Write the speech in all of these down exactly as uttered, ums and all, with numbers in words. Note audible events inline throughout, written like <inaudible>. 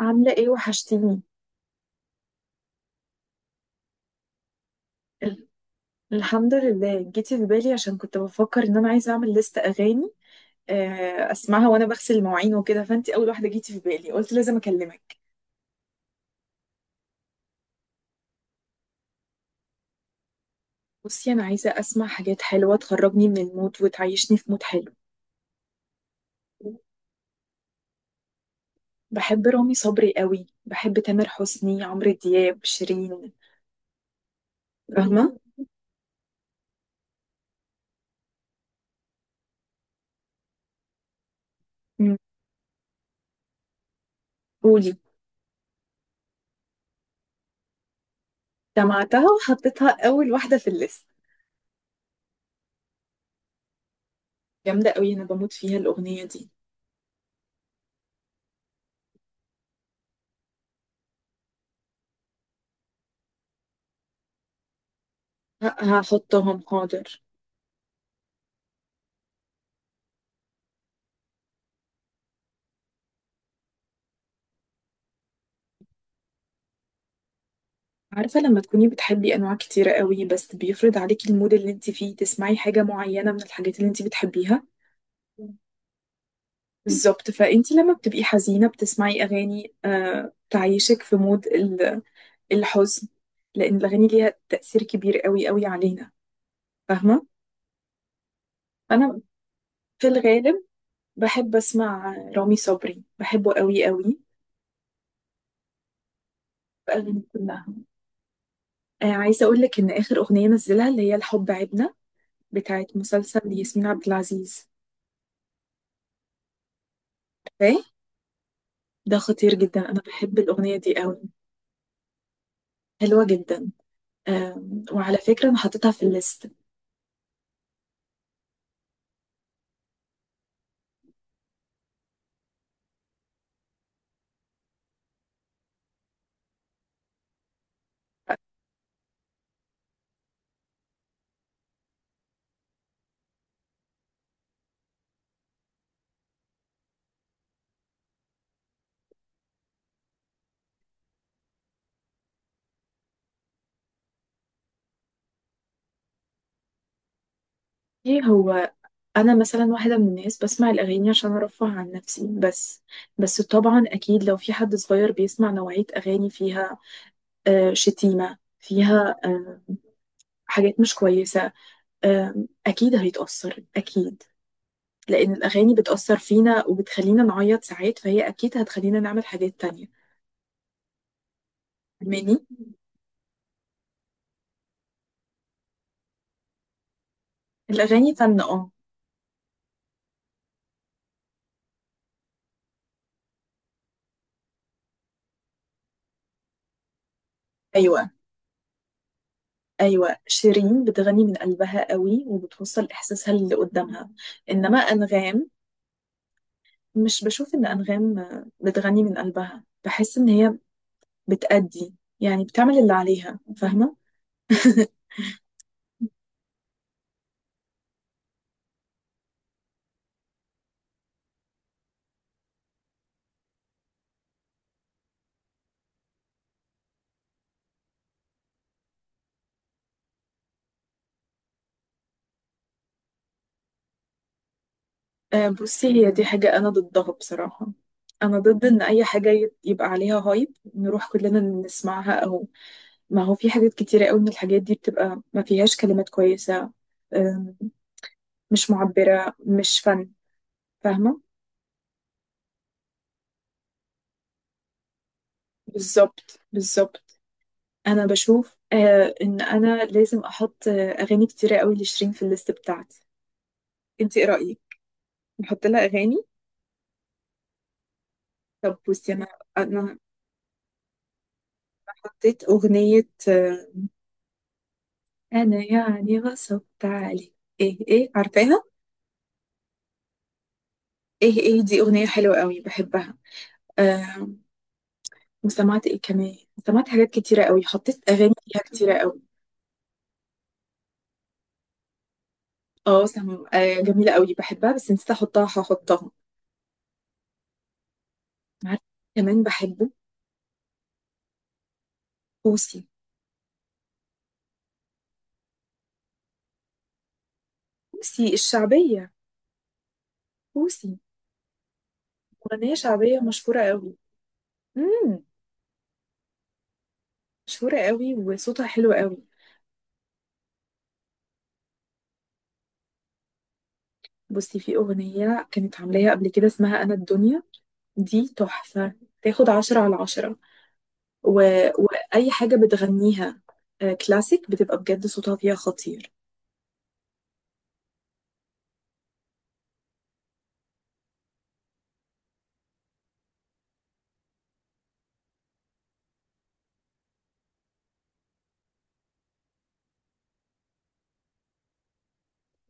عاملة ايه وحشتيني. ال- الحمد لله، جيتي في بالي عشان كنت بفكر ان انا عايزة اعمل لست اغاني. آه، اسمعها وانا بغسل المواعين وكده، فانتي اول واحدة جيتي في بالي، قلت لازم اكلمك. بصي، انا عايزة اسمع حاجات حلوة تخرجني من المود وتعيشني في مود حلو. بحب رامي صبري قوي، بحب تامر حسني، عمرو دياب، شيرين. فاهمة. مم. قولي. سمعتها وحطيتها اول واحدة في الليست. جامدة قوي، انا بموت فيها الاغنية دي. ه- هحطهم، حاضر. عارفة لما تكوني بتحبي أنواع كتيرة قوي، بس بيفرض عليكي المود اللي انت فيه تسمعي حاجة معينة من الحاجات اللي انت بتحبيها. بالظبط، فانت لما بتبقي حزينة بتسمعي أغاني آه تعيشك في مود ال- الحزن، لأن الأغاني ليها تأثير كبير قوي قوي علينا. فاهمة؟ أنا في الغالب بحب أسمع رامي صبري، بحبه قوي قوي بأغاني كلها. آه، عايزة أقول لك إن آخر أغنية نزلها اللي هي الحب عبنا، بتاعت مسلسل ياسمين عبد العزيز. فاهم؟ ده خطير جدا، انا بحب الاغنيه دي قوي، حلوه جدا. أم، وعلى فكره انا حطيتها في الليست. ايه هو، انا مثلا واحده من الناس بسمع الاغاني عشان ارفه عن نفسي بس. بس طبعا اكيد لو في حد صغير بيسمع نوعيه اغاني فيها آه، شتيمه، فيها آه، حاجات مش كويسه، آم، اكيد هيتاثر اكيد، لان الاغاني بتاثر فينا وبتخلينا نعيط ساعات، فهي اكيد هتخلينا نعمل حاجات تانية. فاهماني؟ الاغاني فن، اه ايوه. أيوة، شيرين بتغني من قلبها قوي وبتوصل إحساسها للي قدامها. إنما أنغام، مش بشوف إن أنغام آه، بتغني من قلبها، بحس إن هي بتأدي، يعني بتعمل اللي عليها. فاهمة؟ آه، بصي، هي دي حاجة أنا ضدها بصراحة. أنا ضد إن أي حاجة ي- يبقى عليها هايب نروح كلنا نسمعها، أو ما هو في حاجات كتيرة قوي من الحاجات دي بتبقى ما فيهاش كلمات كويسة، آم، مش معبرة، مش فن. فاهمة؟ بالظبط بالظبط. انا بشوف آه ان انا لازم احط آه اغاني كتيره قوي لشيرين في الليست بتاعتي. انت ايه رايك؟ نحط لها اغاني؟ طب بصي، انا انا حطيت اغنيه آه انا يعني غصبت عليك، ايه ايه، عارفاها؟ ايه ايه دي اغنيه حلوه قوي بحبها. آه، وسمعت ايه كمان؟ سمعت حاجات كتيره قوي، حطيت اغاني فيها كتيره قوي. اه سم... آه، جميله قوي بحبها بس نسيت احطها، هحطها. عارفه، كمان بحبه، بوسي. بوسي الشعبيه، بوسي. أغنية شعبية مشهورة قوي. امم، مشهورة قوي وصوتها حلو قوي. بصي، في أغنية كانت عاملاها قبل كده اسمها أنا الدنيا، دي تحفة، تاخد عشرة على عشرة. و... وأي حاجة بتغنيها آه، كلاسيك، بتبقى بجد صوتها فيها خطير.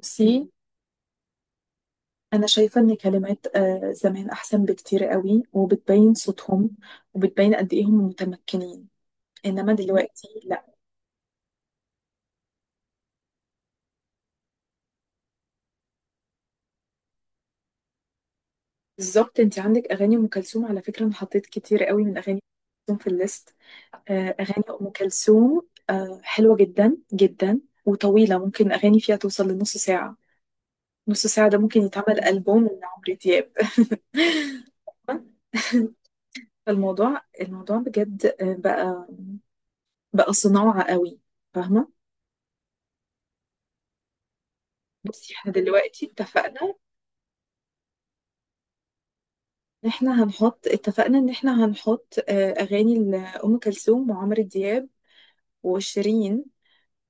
بصي، أنا شايفة إن كلمات آه، زمان أحسن بكتير قوي، وبتبين صوتهم وبتبين قد إيه هم متمكنين. إنما دلوقتي لأ. بالظبط. أنت عندك أغاني أم كلثوم؟ على فكرة، أنا حطيت كتير قوي من أغاني أم كلثوم في الليست. آه، أغاني أم كلثوم آه، حلوة جدا جدا، وطويلة، ممكن أغاني فيها توصل لنص ساعة. نص ساعة ده ممكن يتعمل ألبوم لعمرو دياب. <laughs> الموضوع الموضوع بجد آه، بقى بقى صناعة قوي. فاهمة. بصي، احنا دلوقتي اتفقنا ان احنا هنحط، اتفقنا ان احنا هنحط آه، اغاني لأم كلثوم وعمرو دياب وشيرين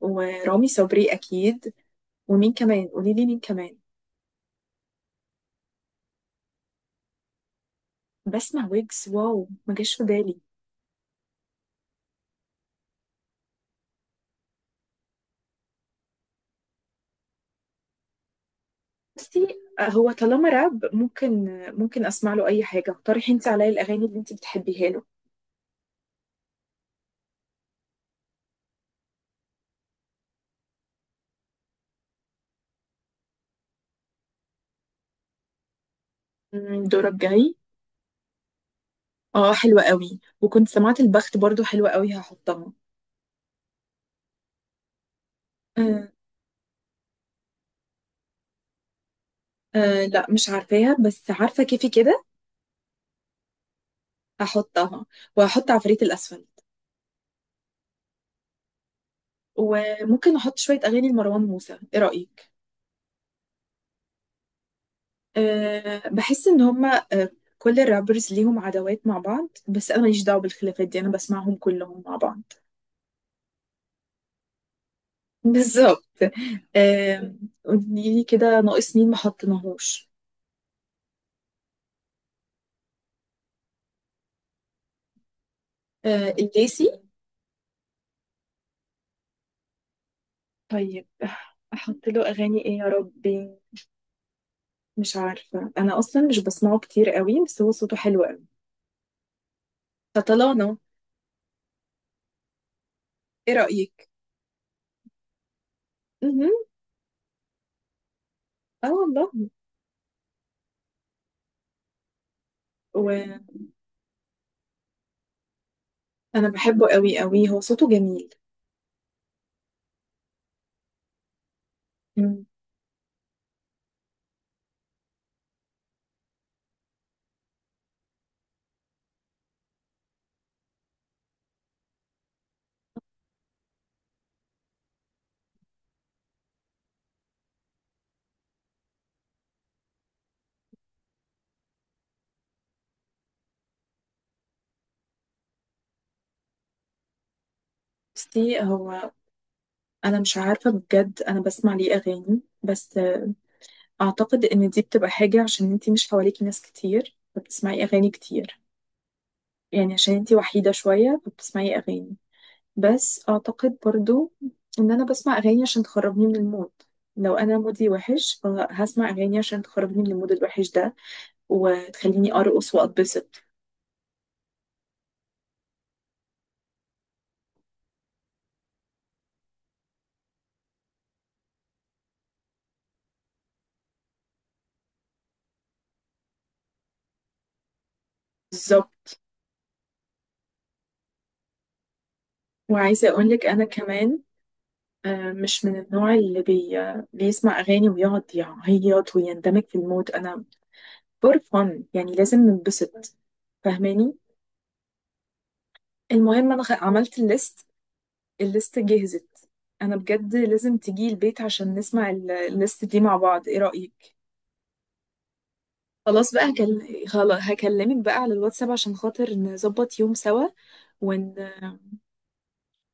ورامي صبري اكيد. ومين كمان؟ قولي لي مين كمان. بسمع ويجز، واو ما جاش في بالي. بصي، هو طالما راب ممكن، ممكن اسمع له اي حاجه. اقترحي انت عليا الاغاني اللي انت بتحبيها له. أمم، دورك جاي. اه، حلوه قوي. وكنت سمعت البخت برضو حلوه قوي، هحطها. آه، آه لا مش عارفاها بس عارفه كيفي كده، هحطها. وهحط عفريت الاسفل. وممكن احط شويه اغاني لمروان موسى، ايه رايك؟ آه، بحس ان هما آه كل الرابرز ليهم عداوات مع بعض، بس انا ماليش دعوه بالخلافات دي، انا بسمعهم كلهم مع بعض. <laughs> بالظبط. آم، قولي لي كده، ناقص مين ما حطيناهوش؟ آه، الليسي. طيب، احط له اغاني ايه يا ربي؟ مش عارفه، انا اصلا مش بسمعه كتير قوي، بس هو صوته حلو قوي. فطلانه، ايه رايك؟ امم. اه والله. وانا بحبه قوي قوي، هو صوته جميل. مم. بصي هو، انا مش عارفه بجد، انا بسمع ليه اغاني بس آه، اعتقد ان دي بتبقى حاجه عشان انتي مش حواليكي ناس كتير فبتسمعي اغاني كتير، يعني عشان انتي وحيدة شوية فبتسمعي أغاني. بس أعتقد برضو إن أنا بسمع أغاني عشان تخرجني من المود، لو أنا مودي وحش فهسمع أغاني عشان تخرجني من المود الوحش ده وتخليني أرقص وأتبسط. بالظبط. وعايزة أقولك أنا كمان آه، مش من النوع اللي بي... بيسمع أغاني ويقعد يعيط ويندمج في المود. أنا فور فن، يعني لازم ننبسط. فاهماني. المهم، أنا خ- عملت الليست، الليست جهزت. انا بجد لازم تجي البيت عشان نسمع ال- الليست دي مع بعض، ايه رأيك؟ خلاص بقى هكل... خلاص هكلمك بقى على الواتساب عشان خاطر نظبط يوم سوا، ون...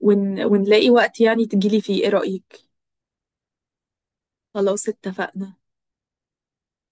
ون... ونلاقي وقت يعني تجيلي فيه، ايه رأيك؟ خلاص اتفقنا.